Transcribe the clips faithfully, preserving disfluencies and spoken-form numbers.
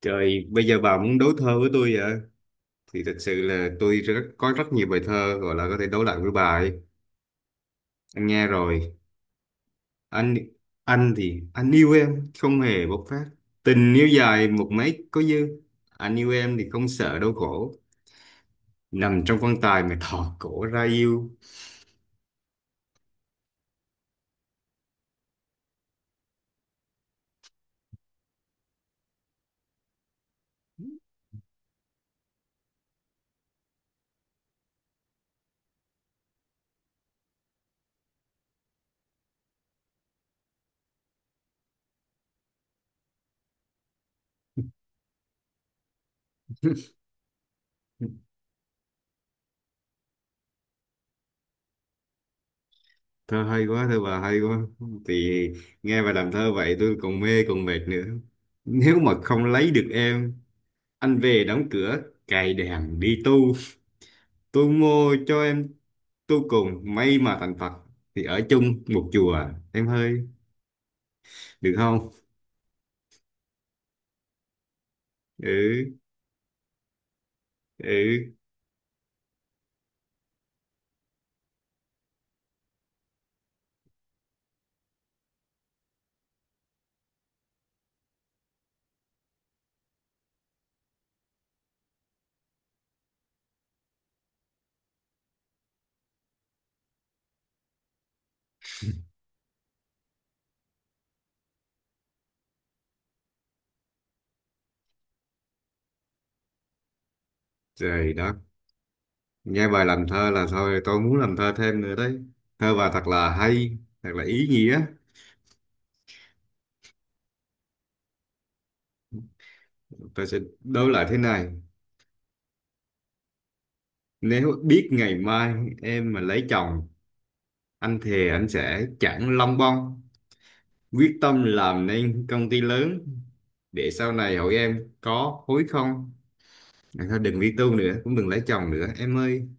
Trời, bây giờ bà muốn đấu thơ với tôi vậy? Thì thật sự là tôi rất, có rất nhiều bài thơ gọi là có thể đấu lại với bà ấy. Anh nghe rồi. Anh anh thì anh yêu em không hề bộc phát. Tình yêu dài một mấy có dư. Anh yêu em thì không sợ đau khổ. Nằm trong quan tài mà thò cổ ra yêu. Thơ hay quá, thơ bà hay quá. Thì nghe bà làm thơ vậy tôi còn mê còn mệt nữa. Nếu mà không lấy được em, anh về đóng cửa cài đèn đi tu. Tôi mua cho em tu cùng may mà thành Phật thì ở chung một chùa, em hơi được không? Ừ, ừ. Trời đó, nghe bài làm thơ là thôi tôi muốn làm thơ thêm nữa đấy. Thơ bà thật là hay, thật là ý nghĩa. Tôi sẽ đối lại thế này: nếu biết ngày mai em mà lấy chồng, anh thề anh sẽ chẳng lông bông, quyết tâm làm nên công ty lớn, để sau này hỏi em có hối không. Thôi đừng đi tu nữa, cũng đừng lấy chồng nữa em ơi.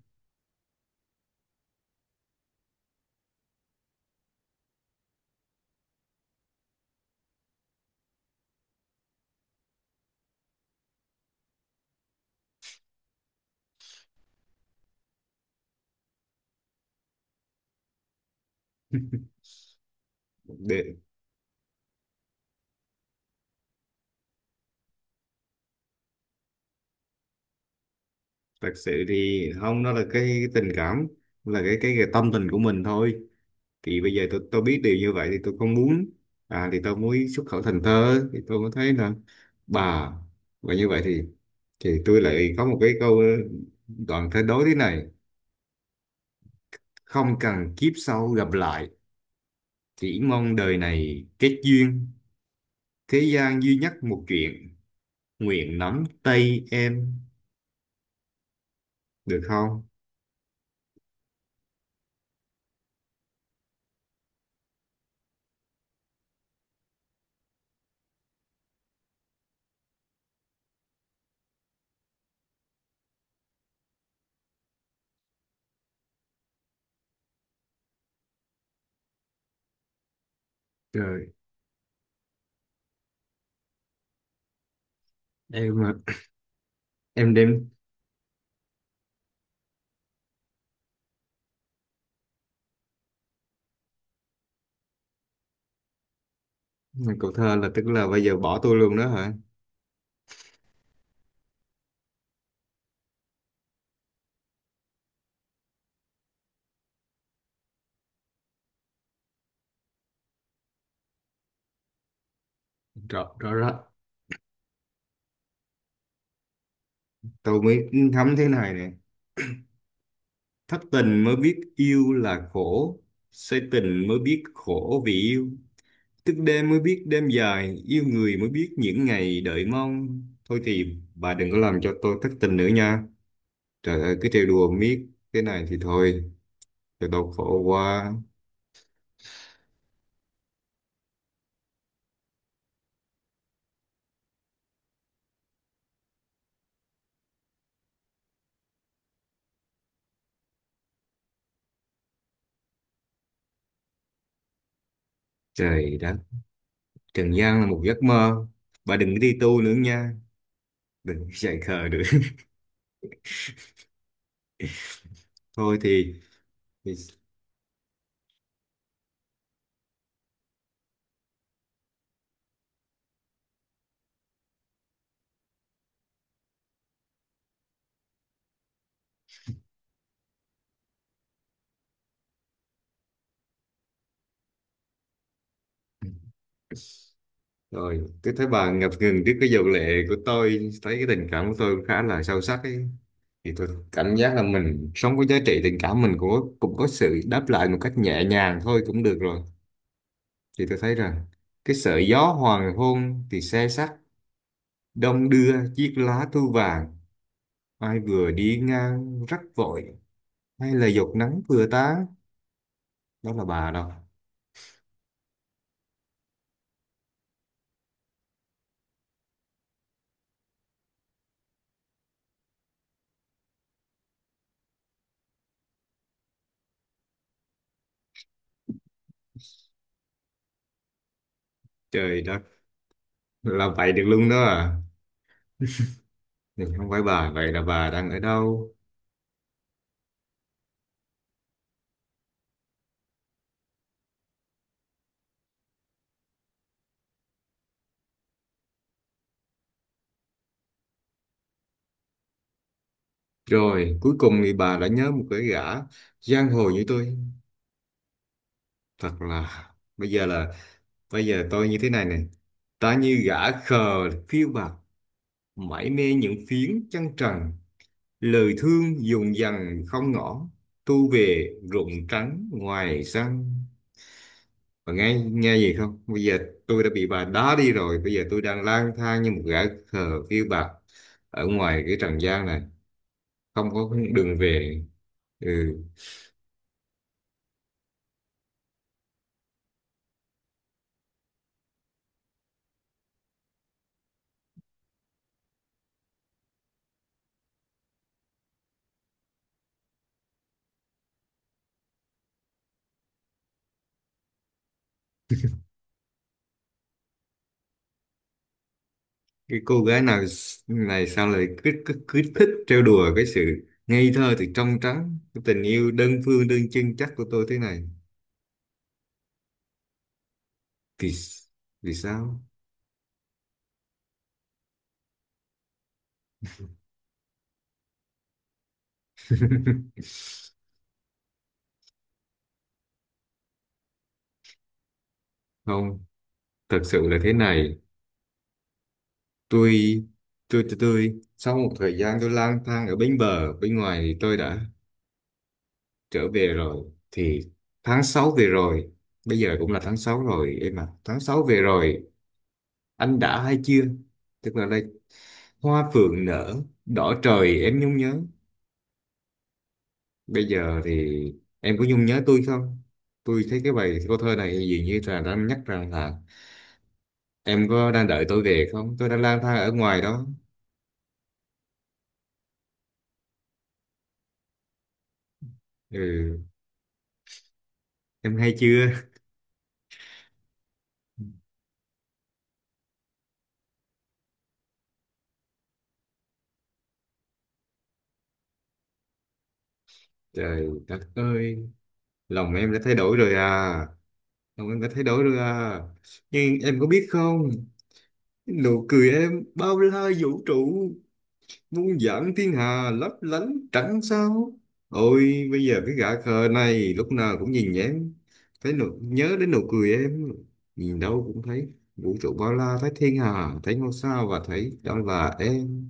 Để thật sự thì không, nó là cái tình cảm, là cái cái, cái tâm tình của mình thôi. Thì bây giờ tôi tôi biết điều như vậy thì tôi không muốn. À, thì tôi muốn xuất khẩu thành thơ thì tôi mới thấy là bà, và như vậy thì thì tôi lại có một cái câu đoạn thơ đối thế này: không cần kiếp sau gặp lại, chỉ mong đời này kết duyên, thế gian duy nhất một chuyện, nguyện nắm tay em, được không? Trời, em mà em đem. Cậu thơ là tức là bây giờ bỏ tôi luôn đó hả? Rõ, rõ rõ. Tôi mới ngắm thế này nè. Thất tình mới biết yêu là khổ. Say tình mới biết khổ vì yêu. Thức đêm mới biết đêm dài. Yêu người mới biết những ngày đợi mong. Thôi thì bà đừng có làm cho tôi thất tình nữa nha. Trời ơi, cứ trêu đùa miết. Thế này thì thôi. Cho tôi khổ quá. Trời đất. Trần gian là một giấc mơ. Bà đừng có đi tu nữa nha. Đừng có chạy khờ nữa. Thôi thì thì rồi, tôi thấy bà ngập ngừng trước cái dầu lệ của tôi, thấy cái tình cảm của tôi cũng khá là sâu sắc ấy. Thì tôi cảm giác là mình sống với giá trị tình cảm mình cũng có, cũng có sự đáp lại một cách nhẹ nhàng thôi cũng được rồi. Thì tôi thấy rằng cái sợi gió hoàng hôn thì xe sắt, đông đưa chiếc lá thu vàng, ai vừa đi ngang rắc vội, hay là giọt nắng vừa tán, đó là bà đâu. Trời đất, là vậy được luôn đó à. Nhưng không phải bà, vậy là bà đang ở đâu? Rồi, cuối cùng thì bà đã nhớ một cái gã giang hồ như tôi. Thật là bây giờ là bây giờ tôi như thế này này. Ta như gã khờ phiêu bạt, mải mê những phiến trăng trần, lời thương dùng dằng không ngỏ, tu về rụng trắng ngoài sân. Bà nghe nghe gì không? Bây giờ tôi đã bị bà đá đi rồi, bây giờ tôi đang lang thang như một gã khờ phiêu bạt ở ngoài cái trần gian này, không có đường về. Ừ. Cái cô gái nào s- này sao lại cứ, cứ, cứ thích trêu đùa cái sự ngây thơ thì trong trắng cái tình yêu đơn phương đơn chân chắc của tôi thế này. vì s- vì sao? Không, thật sự là thế này, tôi tôi tôi, tôi sau một thời gian tôi lang thang ở bến bờ bên ngoài thì tôi đã trở về rồi. Thì tháng sáu về rồi, bây giờ cũng là tháng sáu rồi em ạ, tháng sáu về rồi anh đã hay chưa, tức là đây: hoa phượng nở, đỏ trời em nhung nhớ. Bây giờ thì em có nhung nhớ tôi không? Tôi thấy cái bài câu thơ này dường như là đang nhắc rằng là em có đang đợi tôi về không? Tôi đang lang thang ở ngoài đó. Ừ, em hay chưa? Trời đất ơi, lòng em đã thay đổi rồi à. Lòng em đã thay đổi rồi à. Nhưng em có biết không? Nụ cười em bao la vũ trụ, muôn vạn thiên hà lấp lánh trắng sao. Ôi bây giờ cái gã khờ này lúc nào cũng nhìn em, thấy nụ, nhớ đến nụ cười em, nhìn đâu cũng thấy vũ trụ bao la, thấy thiên hà, thấy ngôi sao và thấy đó là em.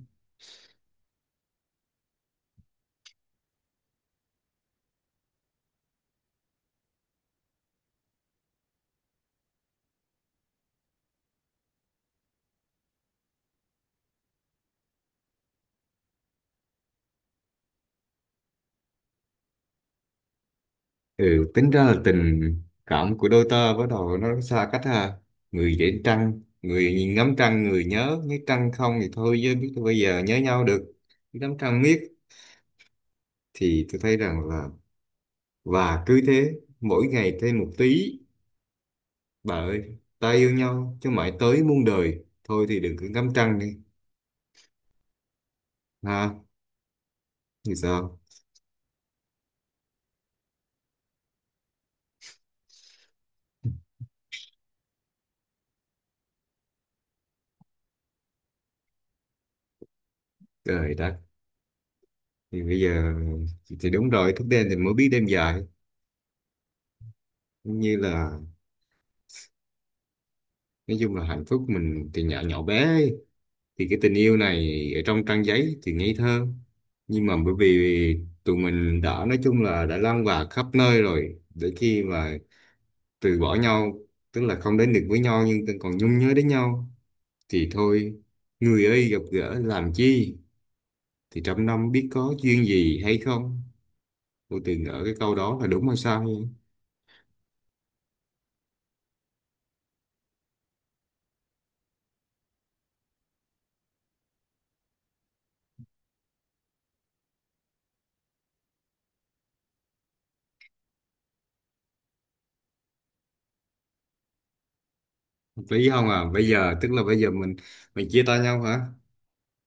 Ừ, tính ra là tình cảm của đôi ta bắt đầu nó xa cách ha. Người để trăng, người nhìn ngắm trăng, người nhớ, nếu trăng không thì thôi chứ biết bây giờ nhớ nhau được, ngắm trăng miết. Thì tôi thấy rằng là, và cứ thế mỗi ngày thêm một tí. Bà ơi, ta yêu nhau chứ mãi tới muôn đời. Thôi thì đừng cứ ngắm trăng đi. Ha, thì sao? Trời đất. Thì bây giờ thì đúng rồi, thức đêm thì mới biết đêm dài. Như là nói chung là hạnh phúc mình thì nhỏ nhỏ bé ấy. Thì cái tình yêu này ở trong trang giấy thì ngây thơ. Nhưng mà bởi vì tụi mình đã nói chung là đã lan bạc khắp nơi rồi. Để khi mà từ bỏ nhau, tức là không đến được với nhau nhưng còn nhung nhớ đến nhau. Thì thôi, người ơi gặp gỡ làm chi? Thì trăm năm biết có duyên gì hay không, cô từng ở cái câu đó là đúng hay sai? Hợp lý không à, bây giờ tức là bây giờ mình mình chia tay nhau hả?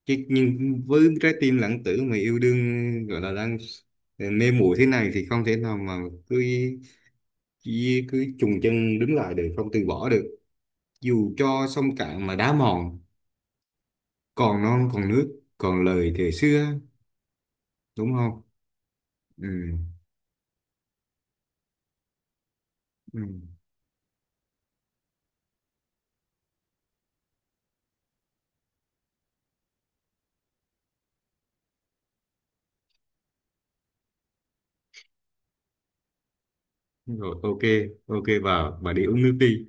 Chứ nhưng với trái tim lãng tử mà yêu đương gọi là đang mê muội thế này thì không thể nào mà cứ cứ, cứ chùng chân đứng lại được, không từ bỏ được. Dù cho sông cạn mà đá mòn, còn non còn nước còn lời thời xưa, đúng không? Ừ, ừ. Rồi, ok, ok vào và đi uống nước đi.